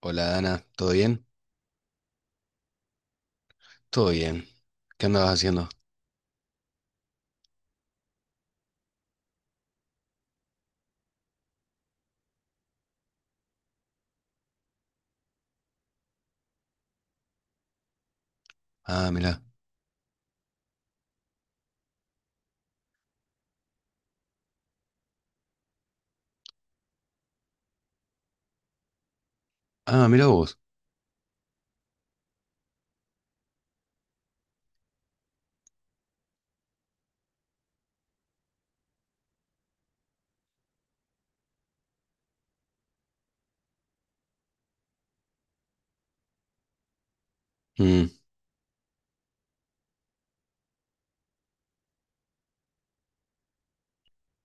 Hola Dana, ¿todo bien? Todo bien. ¿Qué andabas haciendo? Ah, mira. Ah, mira vos. Mm,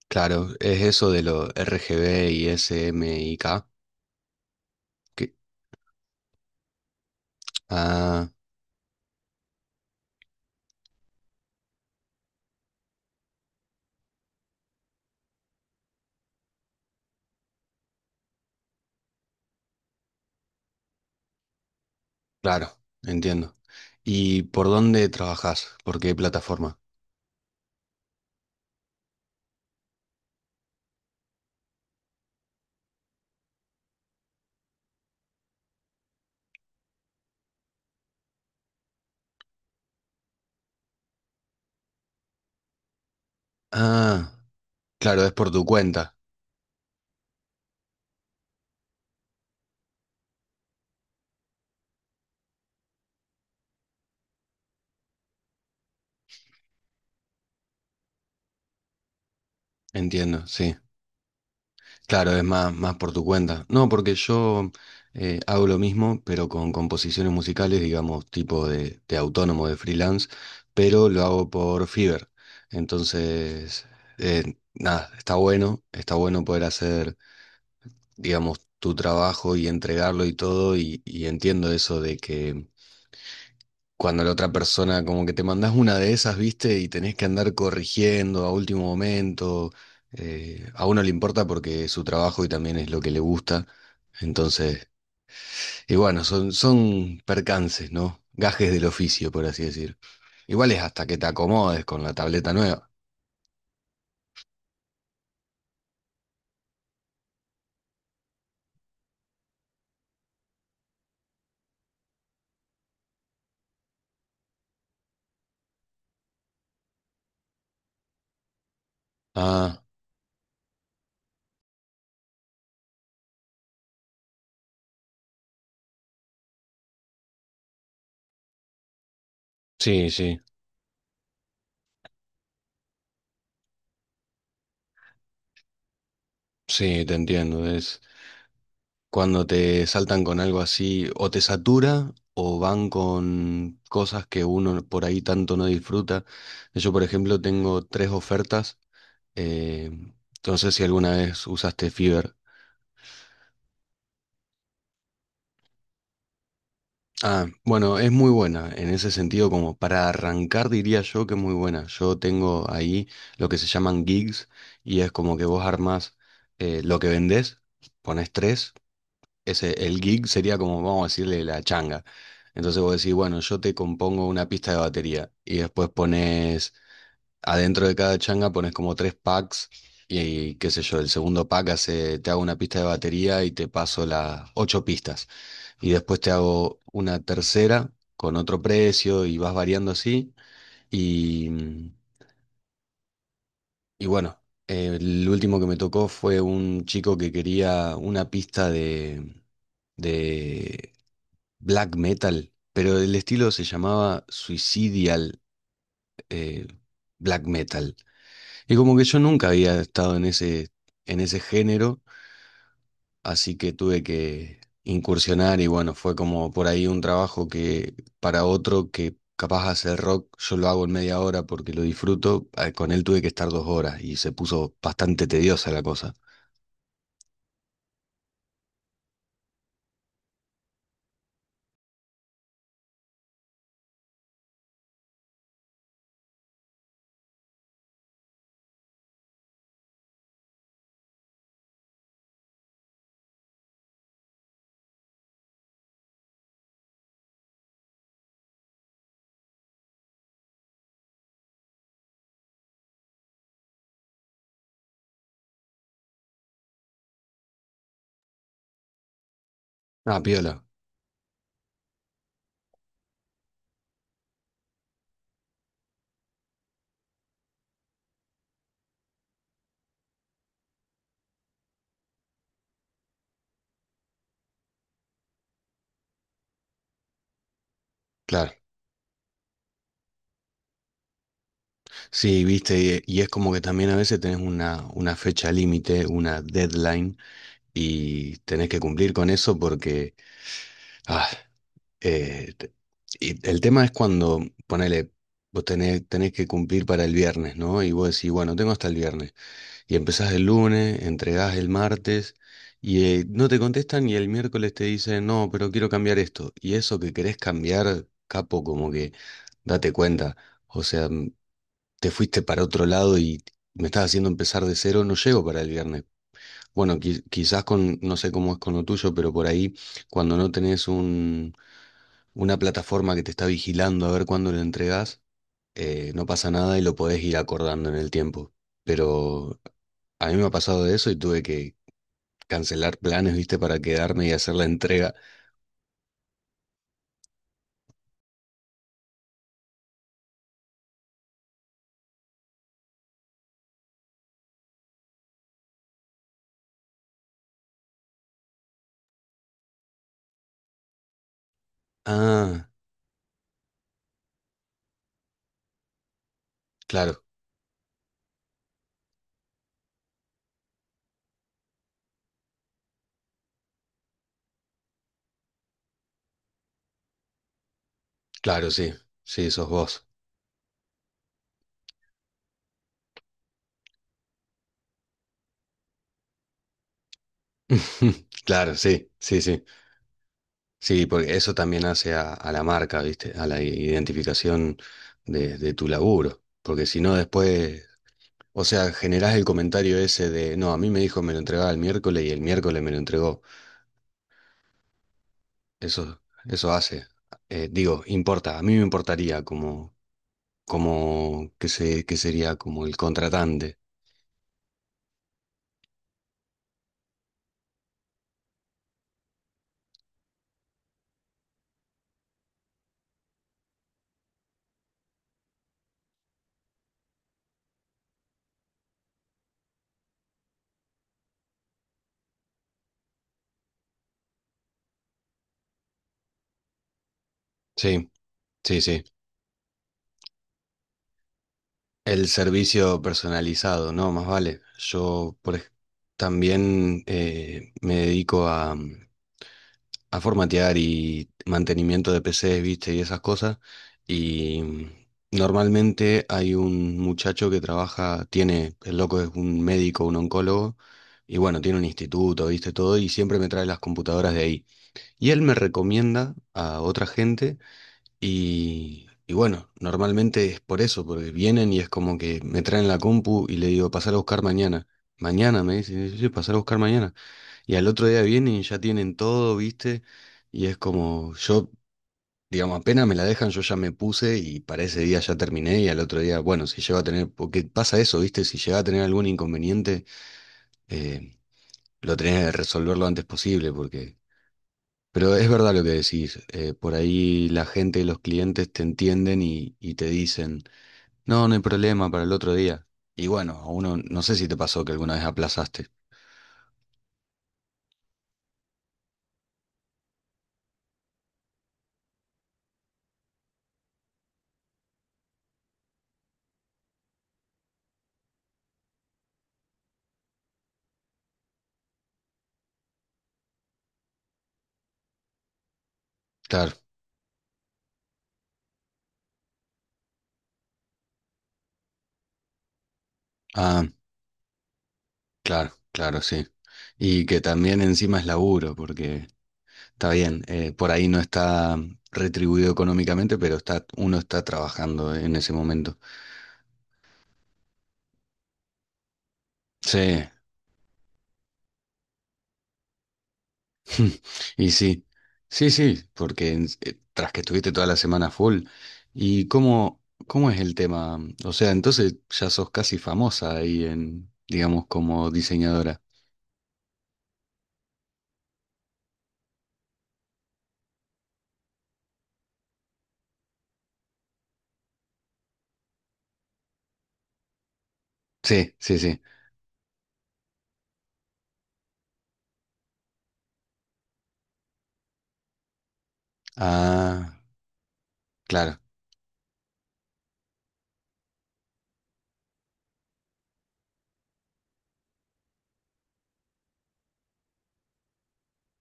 claro, es eso de lo R G B y S M SMYK. que- Ah, claro, entiendo. ¿Y por dónde trabajás? ¿Por qué plataforma? Ah, claro, es por tu cuenta. Entiendo, sí. Claro, es más, más por tu cuenta. No, porque yo hago lo mismo, pero con composiciones musicales, digamos, tipo de autónomo, de freelance, pero lo hago por Fiverr. Entonces, nada, está bueno poder hacer, digamos, tu trabajo y entregarlo y todo, y entiendo eso de que cuando la otra persona, como que te mandás una de esas, ¿viste? Y tenés que andar corrigiendo a último momento. Eh, a uno le importa porque es su trabajo y también es lo que le gusta. Entonces, y bueno, son percances, ¿no? Gajes del oficio, por así decir. Igual es hasta que te acomodes con la tableta nueva. Ah, sí, sí, sí, te entiendo. Cuando te saltan con algo así, o te satura, o van con cosas que uno por ahí tanto no disfruta. Yo, por ejemplo, tengo tres ofertas. eh, no sé si alguna vez usaste Fiverr. Ah, bueno, es muy buena. En ese sentido, como para arrancar, diría yo que es muy buena. Yo tengo ahí lo que se llaman gigs y es como que vos armás lo que vendés, pones tres. Ese, el gig sería como, vamos a decirle, la changa. Entonces vos decís, bueno, yo te compongo una pista de batería y después pones, adentro de cada changa pones como tres packs y, qué sé yo, el segundo pack hace, te hago una pista de batería y te paso las ocho pistas. Y después te hago una tercera con otro precio y vas variando así. Y, y bueno, el último que me tocó fue un chico que quería una pista de black metal, pero el estilo se llamaba Suicidial eh, Black Metal. Y como que yo nunca había estado en ese género, así que tuve que incursionar y bueno, fue como por ahí un trabajo que para otro que capaz hacer rock, yo lo hago en media hora porque lo disfruto, con él tuve que estar dos horas y se puso bastante tediosa la cosa. Ah, piola. Claro, sí, viste, y es como que también a veces tenés una fecha límite, una deadline, y tenés que cumplir con eso porque ah, eh, te- y el tema es cuando, ponele, vos tenés que cumplir para el viernes, ¿no? Y vos decís, bueno, tengo hasta el viernes. Y empezás el lunes, entregás el martes y no te contestan y el miércoles te dicen, no, pero quiero cambiar esto. Y eso que querés cambiar, capo, como que date cuenta. O sea, te fuiste para otro lado y me estás haciendo empezar de cero, no llego para el viernes. Bueno, quizás con, no sé cómo es con lo tuyo, pero por ahí cuando no tenés un, una plataforma que te está vigilando a ver cuándo lo entregás, no pasa nada y lo podés ir acordando en el tiempo. Pero a mí me ha pasado de eso y tuve que cancelar planes, viste, para quedarme y hacer la entrega. Ah, claro, claro, sí, sí, sos vos. Claro, sí, sí, sí. Sí, porque eso también hace a la marca, viste, a la identificación de tu laburo. Porque si no, después o sea, generás el comentario ese de, no, a mí me dijo me lo entregaba el miércoles y el miércoles me lo entregó. Eso, eso hace. Digo, importa, a mí me importaría que que sería como el contratante. Sí, sí, sí. El servicio personalizado, ¿no? Más vale. También me dedico a, a formatear y mantenimiento de PCs, viste, y esas cosas. Y normalmente hay un muchacho que trabaja, tiene, el loco es un médico, un oncólogo, y bueno, tiene un instituto, viste, todo, y siempre me trae las computadoras de ahí. Y él me recomienda a otra gente y bueno, normalmente es por eso, porque vienen y es como que me traen la compu y le digo, pasar a buscar mañana. Mañana me dicen, sí, sí, sí, pasar a buscar mañana. Y al otro día vienen y ya tienen todo, ¿viste? Y es como, yo, digamos, apenas me la dejan, yo ya me puse y para ese día ya terminé y al otro día, bueno, si llego a tener, porque pasa eso, ¿viste? Si llega a tener algún inconveniente, eh, lo tenés que resolver lo antes posible, porque pero es verdad lo que decís, por ahí la gente y los clientes te entienden y te dicen, no, no hay problema para el otro día. Y bueno, a uno no sé si te pasó que alguna vez aplazaste. Claro, ah, claro, claro, sí. Y que también encima es laburo, porque está bien, por ahí no está retribuido económicamente, pero está, uno está trabajando en ese momento. Sí, y sí, sí, sí, porque tras que estuviste toda la semana full, ¿y cómo es el tema? O sea, entonces ya sos casi famosa ahí en, digamos, como diseñadora. Sí, sí, sí. Ah, claro.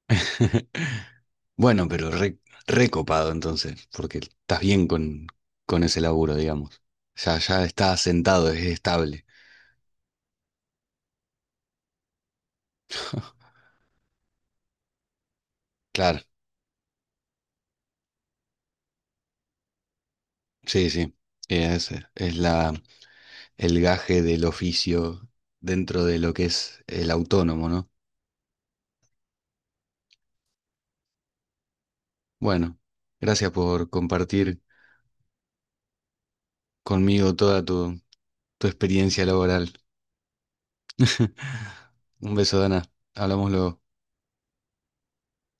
Bueno, pero recopado entonces, porque estás bien con ese laburo, digamos. Ya, ya está asentado, es estable. Claro, sí, sí. Es, es la, el gaje del oficio dentro de lo que es el autónomo, ¿no? Bueno, gracias por compartir conmigo toda tu experiencia laboral. Un beso, Dana. Hablamos luego.